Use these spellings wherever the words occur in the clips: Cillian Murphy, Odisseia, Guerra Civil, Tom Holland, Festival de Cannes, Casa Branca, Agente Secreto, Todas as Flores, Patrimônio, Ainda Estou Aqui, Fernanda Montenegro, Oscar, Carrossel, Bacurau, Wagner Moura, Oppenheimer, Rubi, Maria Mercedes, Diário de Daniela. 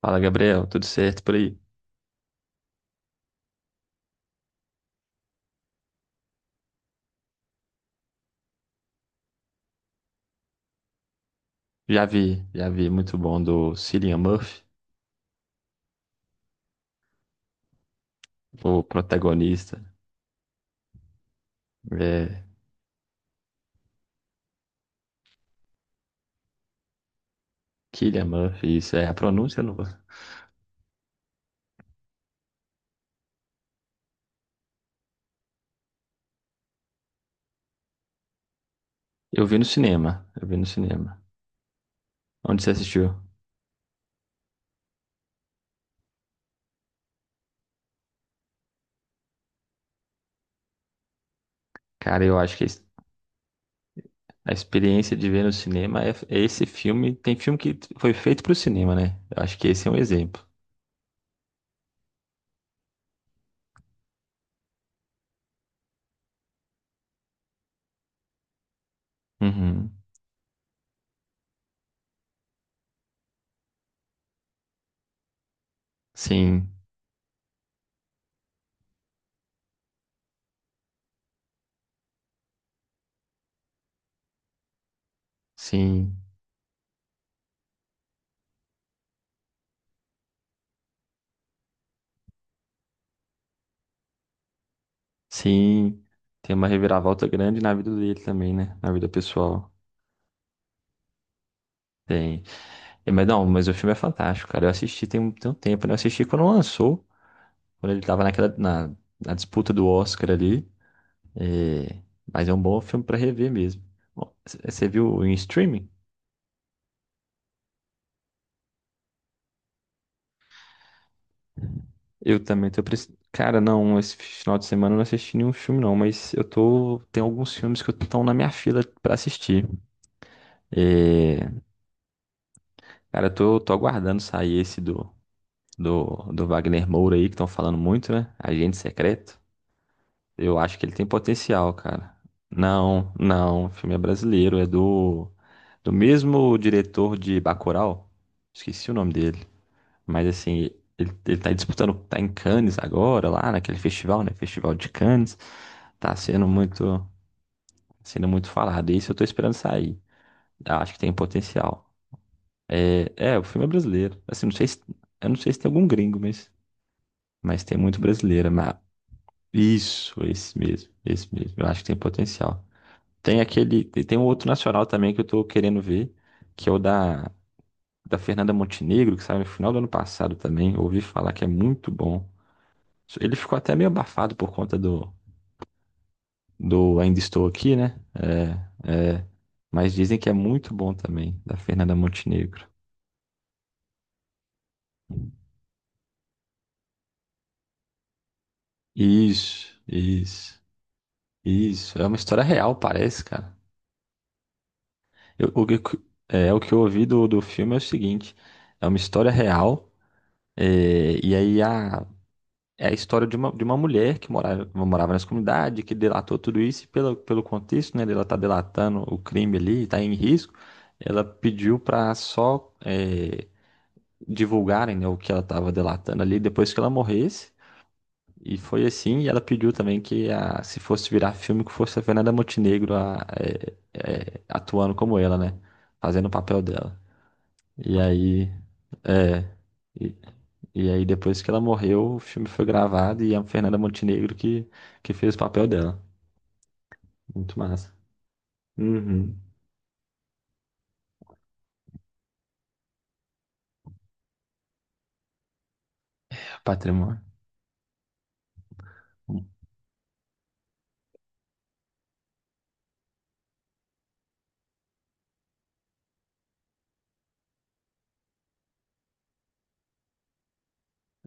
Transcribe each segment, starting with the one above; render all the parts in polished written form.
Fala, Gabriel, tudo certo por aí? Já vi, muito bom do Cillian Murphy, o protagonista, é, Cillian Murphy, isso é a pronúncia, eu não vou. Eu vi no cinema, eu vi no cinema. Onde você assistiu? Cara, eu acho que a experiência de ver no cinema é esse filme, tem filme que foi feito pro cinema, né? Eu acho que esse é um exemplo. Uhum. Sim, sim, sim, tem uma reviravolta grande na vida dele também, né? Na vida pessoal. Tem. É, mas não, mas o filme é fantástico, cara. Eu assisti tem um tempo, né? Eu assisti quando lançou, quando ele tava naquela, na, na disputa do Oscar ali. É, mas é um bom filme pra rever mesmo. Bom, você viu em streaming? Eu também tô precisando. Cara, não, esse final de semana eu não assisti nenhum filme, não, mas eu tô. Tem alguns filmes que estão na minha fila pra assistir. É, cara, eu tô, tô aguardando sair esse do, do, do Wagner Moura aí, que estão falando muito, né? Agente Secreto. Eu acho que ele tem potencial, cara. Não, não, o filme é brasileiro, é do mesmo diretor de Bacurau. Esqueci o nome dele, mas assim, ele tá disputando, tá em Cannes agora, lá naquele festival, né? Festival de Cannes. Tá sendo muito falado. E isso eu tô esperando sair. Eu acho que tem potencial. É, é, o filme é brasileiro. Assim, não sei se, eu não sei se tem algum gringo, mas tem muito brasileiro, mas isso, esse mesmo, esse mesmo. Eu acho que tem potencial. Tem aquele. Tem um outro nacional também que eu tô querendo ver, que é o da, da Fernanda Montenegro, que saiu no final do ano passado também. Ouvi falar que é muito bom. Ele ficou até meio abafado por conta do, do Ainda Estou Aqui, né? É, é. Mas dizem que é muito bom também, da Fernanda Montenegro. Isso, isso, isso. É uma história real, parece, cara. Eu- o, que- É, o que eu ouvi do, do filme é o seguinte: é uma história real, é, e aí a, é a história de uma mulher que morava, morava nessa comunidade, que delatou tudo isso, e pelo, pelo contexto, né, dela tá delatando o crime ali, tá em risco, ela pediu para só é, divulgarem, né, o que ela estava delatando ali depois que ela morresse, e foi assim, e ela pediu também que a, se fosse virar filme, que fosse a Fernanda Montenegro é, é, atuando como ela, né, fazendo o papel dela. E aí, é, e aí, depois que ela morreu, o filme foi gravado e é a Fernanda Montenegro que fez o papel dela. Muito massa. Uhum. Patrimônio.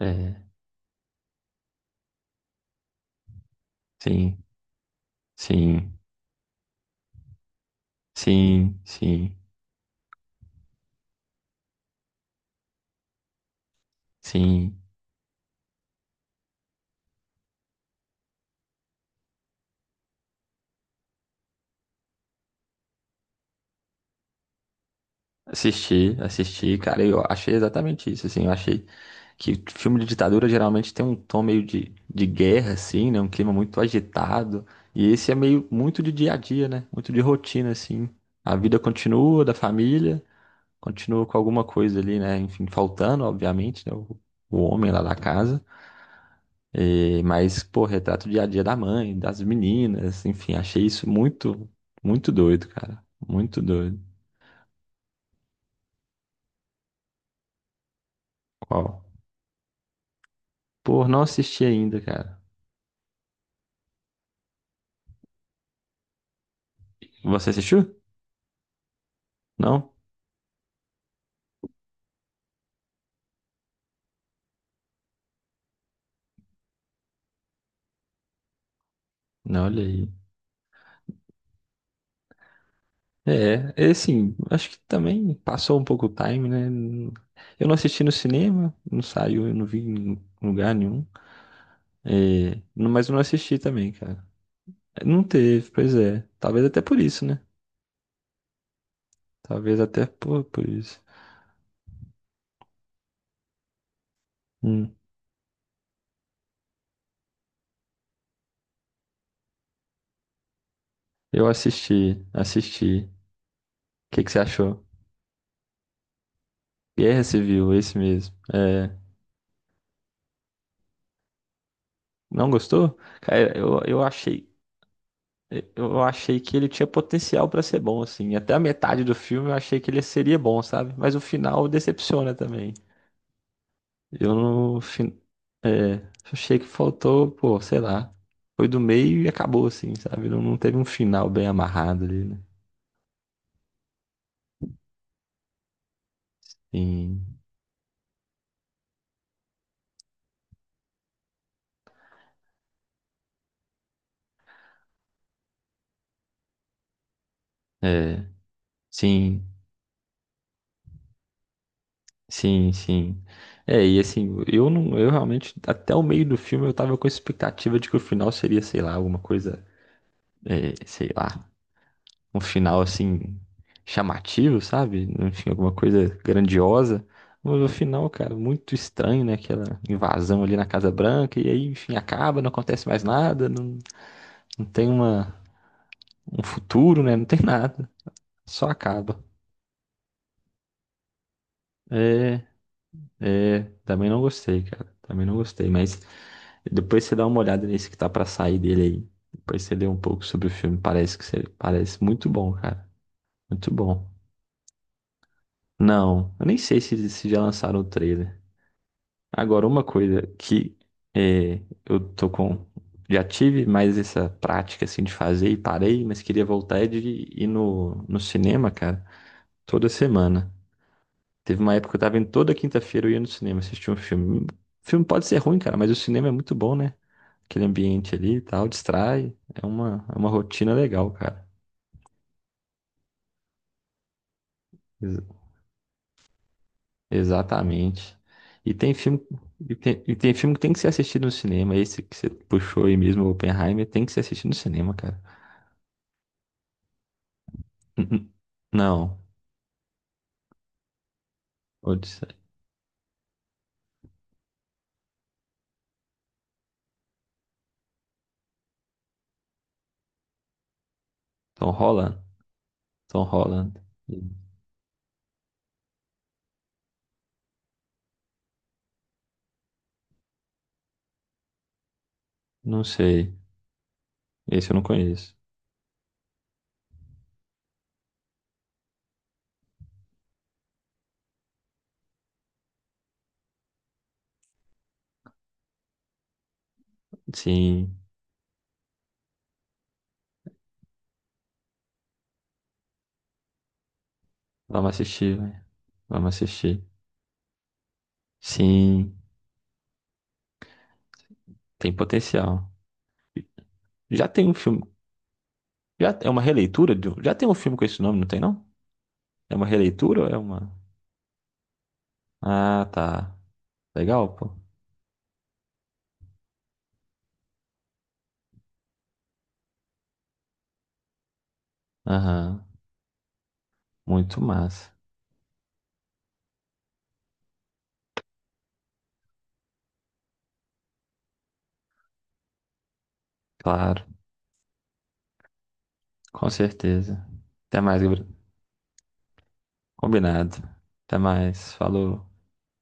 É, sim, sim, sim, sim, sim. Assisti, assisti, cara, eu achei exatamente isso, assim, eu achei que filme de ditadura geralmente tem um tom meio de guerra, assim, né, um clima muito agitado, e esse é meio muito de dia a dia, né, muito de rotina, assim, a vida continua da família, continua com alguma coisa ali, né? Enfim, faltando, obviamente, né? O homem lá da casa. Mas, pô, retrata o dia a dia da mãe, das meninas, enfim, achei isso muito, muito doido, cara. Muito doido. Qual? Pô, não assisti ainda, cara. Você assistiu? Não? Não, olha aí. É, é assim, acho que também passou um pouco o time, né? Eu não assisti no cinema, não saiu, eu não vi em lugar nenhum. É, não- mas eu não assisti também, cara. Não teve, pois é. Talvez até por isso, né? Talvez até por isso. Hum, eu assisti, assisti. O que que você achou? Guerra Civil, esse mesmo. É, não gostou? Cara, eu achei, eu achei que ele tinha potencial pra ser bom, assim. Até a metade do filme eu achei que ele seria bom, sabe? Mas o final decepciona também. Eu não, fin- É, achei que faltou, pô, sei lá. Foi do meio e acabou, assim, sabe? Não, não teve um final bem amarrado ali, né? Sim. É, sim, sim. É, e assim, eu não, eu realmente, até o meio do filme eu tava com a expectativa de que o final seria, sei lá, alguma coisa, é, sei lá, um final assim, chamativo, sabe? Enfim, alguma coisa grandiosa. Mas o final, cara, muito estranho, né? Aquela invasão ali na Casa Branca, e aí, enfim, acaba, não acontece mais nada, não, não tem uma, um futuro, né? Não tem nada, só acaba. É, é, também não gostei, cara. Também não gostei, mas depois você dá uma olhada nesse que tá pra sair dele aí. Depois você lê um pouco sobre o filme, parece que você, parece muito bom, cara. Muito bom. Não, eu nem sei se, se já lançaram o trailer. Agora, uma coisa que é, eu tô com. Já tive mais essa prática assim de fazer e parei, mas queria voltar é de ir no, no cinema, cara, toda semana. Teve uma época que eu tava indo toda quinta-feira, eu ia no cinema assistir um filme. O filme pode ser ruim, cara, mas o cinema é muito bom, né? Aquele ambiente ali e tal, distrai. É uma rotina legal, cara. Ex- Exatamente. E tem filme, e tem filme que tem que ser assistido no cinema. Esse que você puxou aí mesmo, o Oppenheimer, tem que ser assistido no cinema, cara. Uhum. Não. Odisseia. Tom Holland? Tom Holland. Não sei. Esse eu não conheço. Sim. Vamos assistir, velho. Vamos assistir. Sim. Tem potencial. Já tem um filme. Já é uma releitura de já tem um filme com esse nome, não tem não? É uma releitura ou é uma. Ah, tá. Legal, pô. Aham. Muito massa. Claro. Com certeza. Até mais, Gabriel. Combinado. Até mais. Falou.